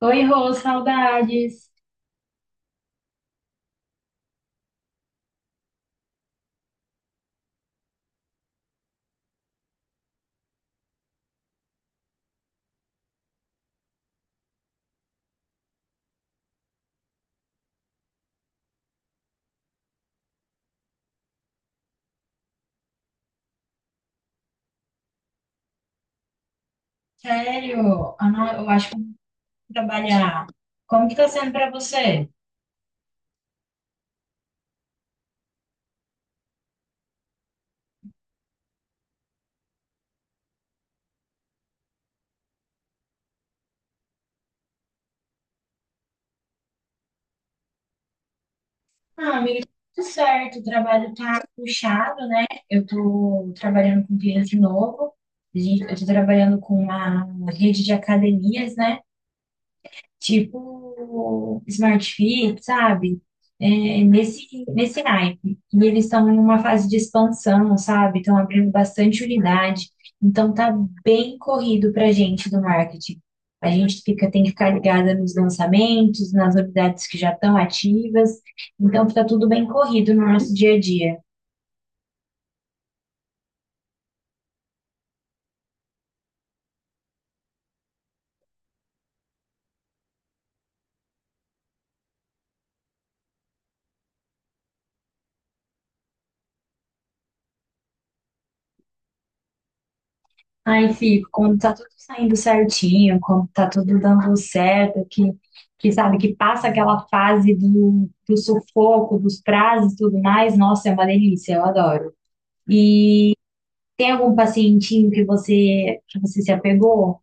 Oi, Rô, saudades. Sério, não, eu acho que eu vou trabalhar. Como que tá sendo pra você? Ah, amiga, tudo certo. O trabalho tá puxado, né? Eu tô trabalhando com clientes de novo. Eu tô trabalhando com uma rede de academias, né? Tipo Smart Fit, sabe? É, nesse naipe. E eles estão em uma fase de expansão, sabe? Estão abrindo bastante unidade. Então tá bem corrido pra gente do marketing. Tem que ficar ligada nos lançamentos, nas unidades que já estão ativas. Então fica tudo bem corrido no nosso dia a dia. Aí fico, quando tá tudo saindo certinho, quando tá tudo dando certo, que sabe, que passa aquela fase do sufoco, dos prazos e tudo mais, nossa, é uma delícia, eu adoro. E tem algum pacientinho que você se apegou?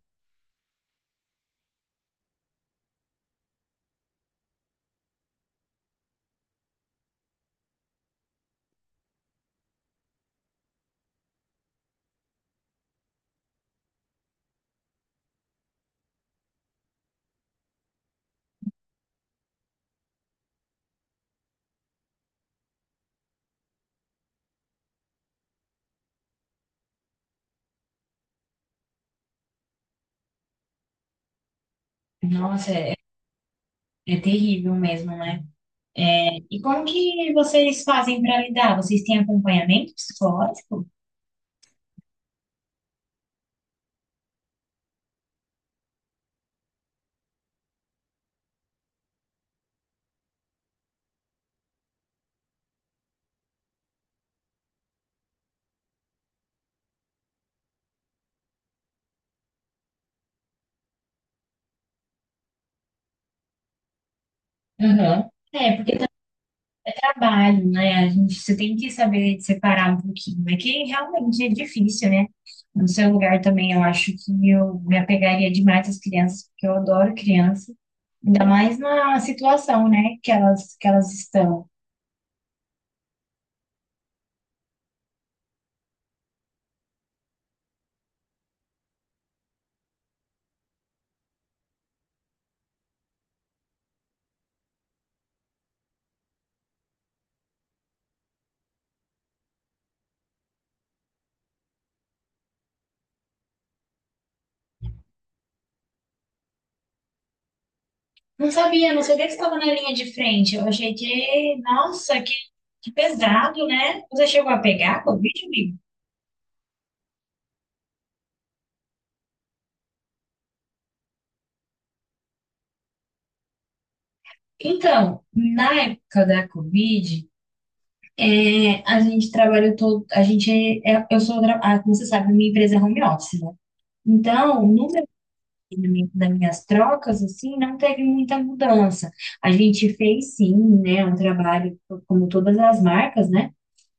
Nossa, é, é terrível mesmo, né? E como que vocês fazem para lidar? Vocês têm acompanhamento psicológico? Uhum. É, porque trabalho, né? Você tem que saber separar um pouquinho. É que realmente é difícil, né? No seu lugar também, eu acho que eu me apegaria demais às crianças, porque eu adoro criança. Ainda mais na situação, né, que elas estão. Não sabia, não sabia que estava na linha de frente. Eu achei que, nossa, que pesado, né? Você chegou a pegar a Covid, amigo? Então, na época da Covid, a gente a gente eu como você sabe, minha empresa é home office, né? Então, no meu treinamento das minhas trocas, assim, não teve muita mudança. A gente fez sim, né, um trabalho, como todas as marcas, né?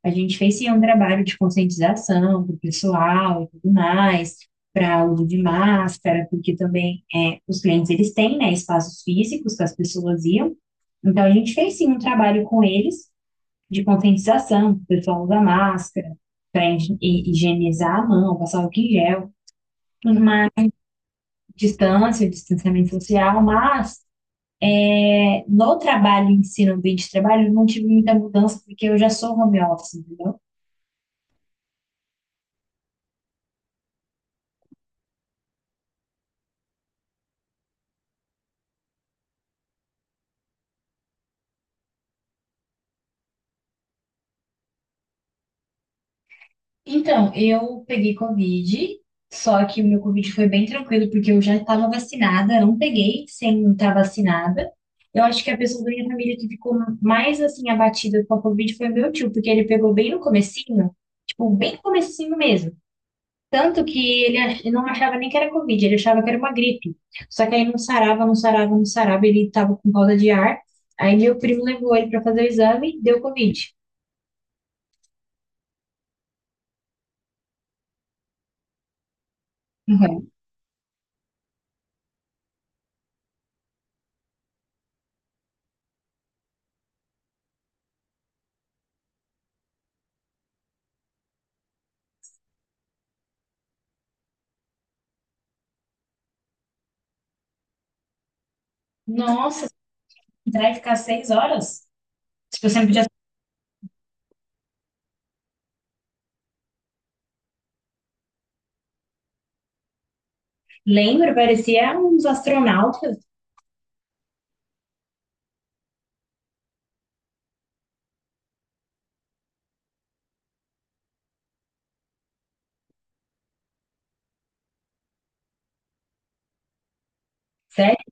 A gente fez sim um trabalho de conscientização do pessoal e tudo mais, para uso de máscara, porque também os clientes eles têm, né, espaços físicos que as pessoas iam. Então, a gente fez sim um trabalho com eles de conscientização, o pessoal usa máscara para higienizar a mão, passar álcool em gel, uma distanciamento social, mas no trabalho em si, no ambiente de trabalho, eu não tive muita mudança porque eu já sou home office, entendeu? Então, eu peguei Covid, só que o meu Covid foi bem tranquilo, porque eu já estava vacinada, não peguei sem estar vacinada. Eu acho que a pessoa da minha família que ficou mais, assim, abatida com a Covid foi meu tio, porque ele pegou bem no comecinho, tipo, bem no comecinho mesmo. Tanto que ele não achava nem que era Covid, ele achava que era uma gripe. Só que aí não sarava, não sarava, não sarava, ele estava com falta de ar. Aí meu primo levou ele para fazer o exame, deu Covid. Uhum. Nossa, entrar e ficar 6 horas? Tipo, eu sempre já lembro, parecia uns astronautas, sério,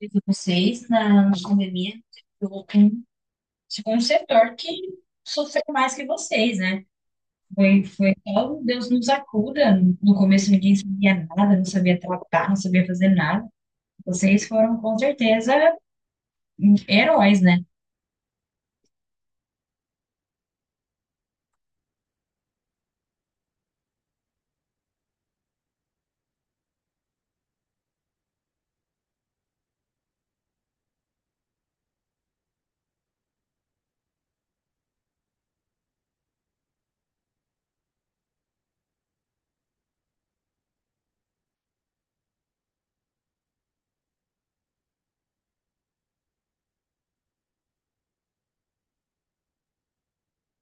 de vocês na pandemia. Tipo um setor que sofreu mais que vocês, né? Foi só o Deus nos acuda. No começo ninguém sabia nada, não sabia tratar, não sabia fazer nada. Vocês foram, com certeza, heróis, né?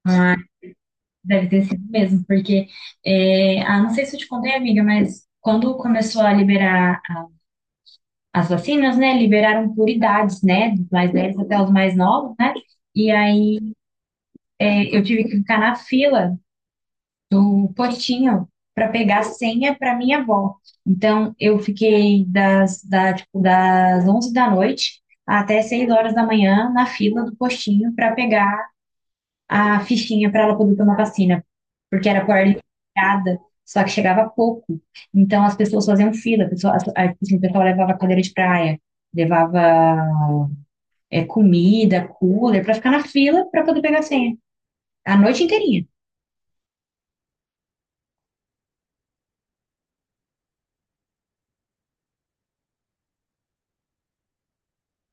Mas deve ter sido mesmo, porque, não sei se eu te contei, amiga, mas quando começou a liberar as vacinas, né, liberaram por idades, né, dos mais velhos até os mais novos, né, e aí eu tive que ficar na fila do postinho para pegar a senha para minha avó. Então, eu fiquei das 11 da noite até 6 horas da manhã na fila do postinho para pegar a fichinha para ela poder tomar vacina, porque era por ligada, só que chegava pouco. Então, as pessoas faziam fila, a pessoa, a, assim, o pessoal levava cadeira de praia, levava comida, cooler, pra ficar na fila pra poder pegar a senha. A noite inteirinha.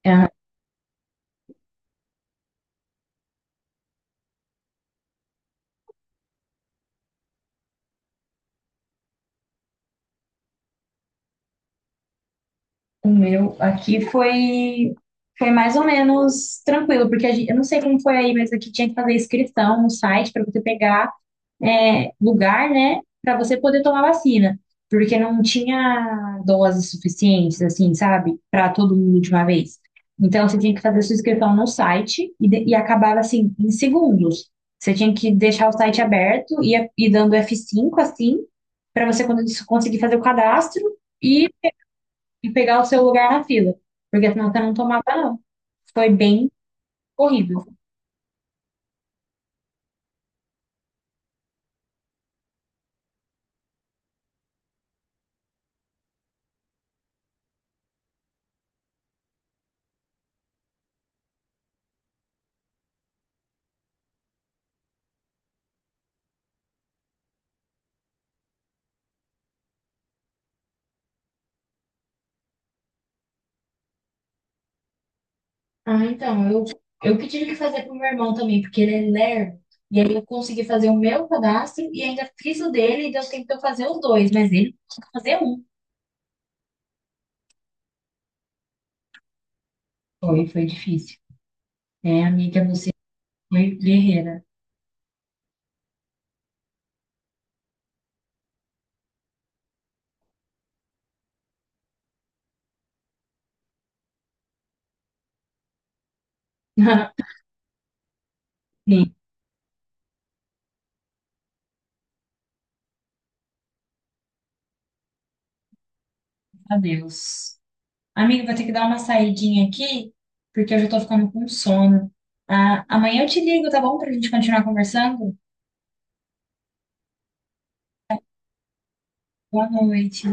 Ah, o meu aqui foi mais ou menos tranquilo, porque eu não sei como foi aí, mas aqui tinha que fazer inscrição no site pra poder pegar, lugar, né, para você poder tomar vacina, porque não tinha doses suficientes, assim, sabe, para todo mundo de uma vez. Então, você tinha que fazer sua inscrição no site e acabava, assim, em segundos. Você tinha que deixar o site aberto e dando F5 assim, para você conseguir fazer o cadastro e, e pegar o seu lugar na fila, porque senão você não tomava, não. Foi bem corrido. Ah, então, eu que tive que fazer pro meu irmão também, porque ele é lerdo. E aí eu consegui fazer o meu cadastro e ainda fiz o dele e deu tempo de eu fazer os dois, mas ele conseguiu fazer um. Foi difícil. É, amiga, você foi guerreira. Sim, adeus. Amiga, vou ter que dar uma saidinha aqui, porque eu já tô ficando com sono. Ah, amanhã eu te ligo, tá bom? Pra gente continuar conversando? Boa noite.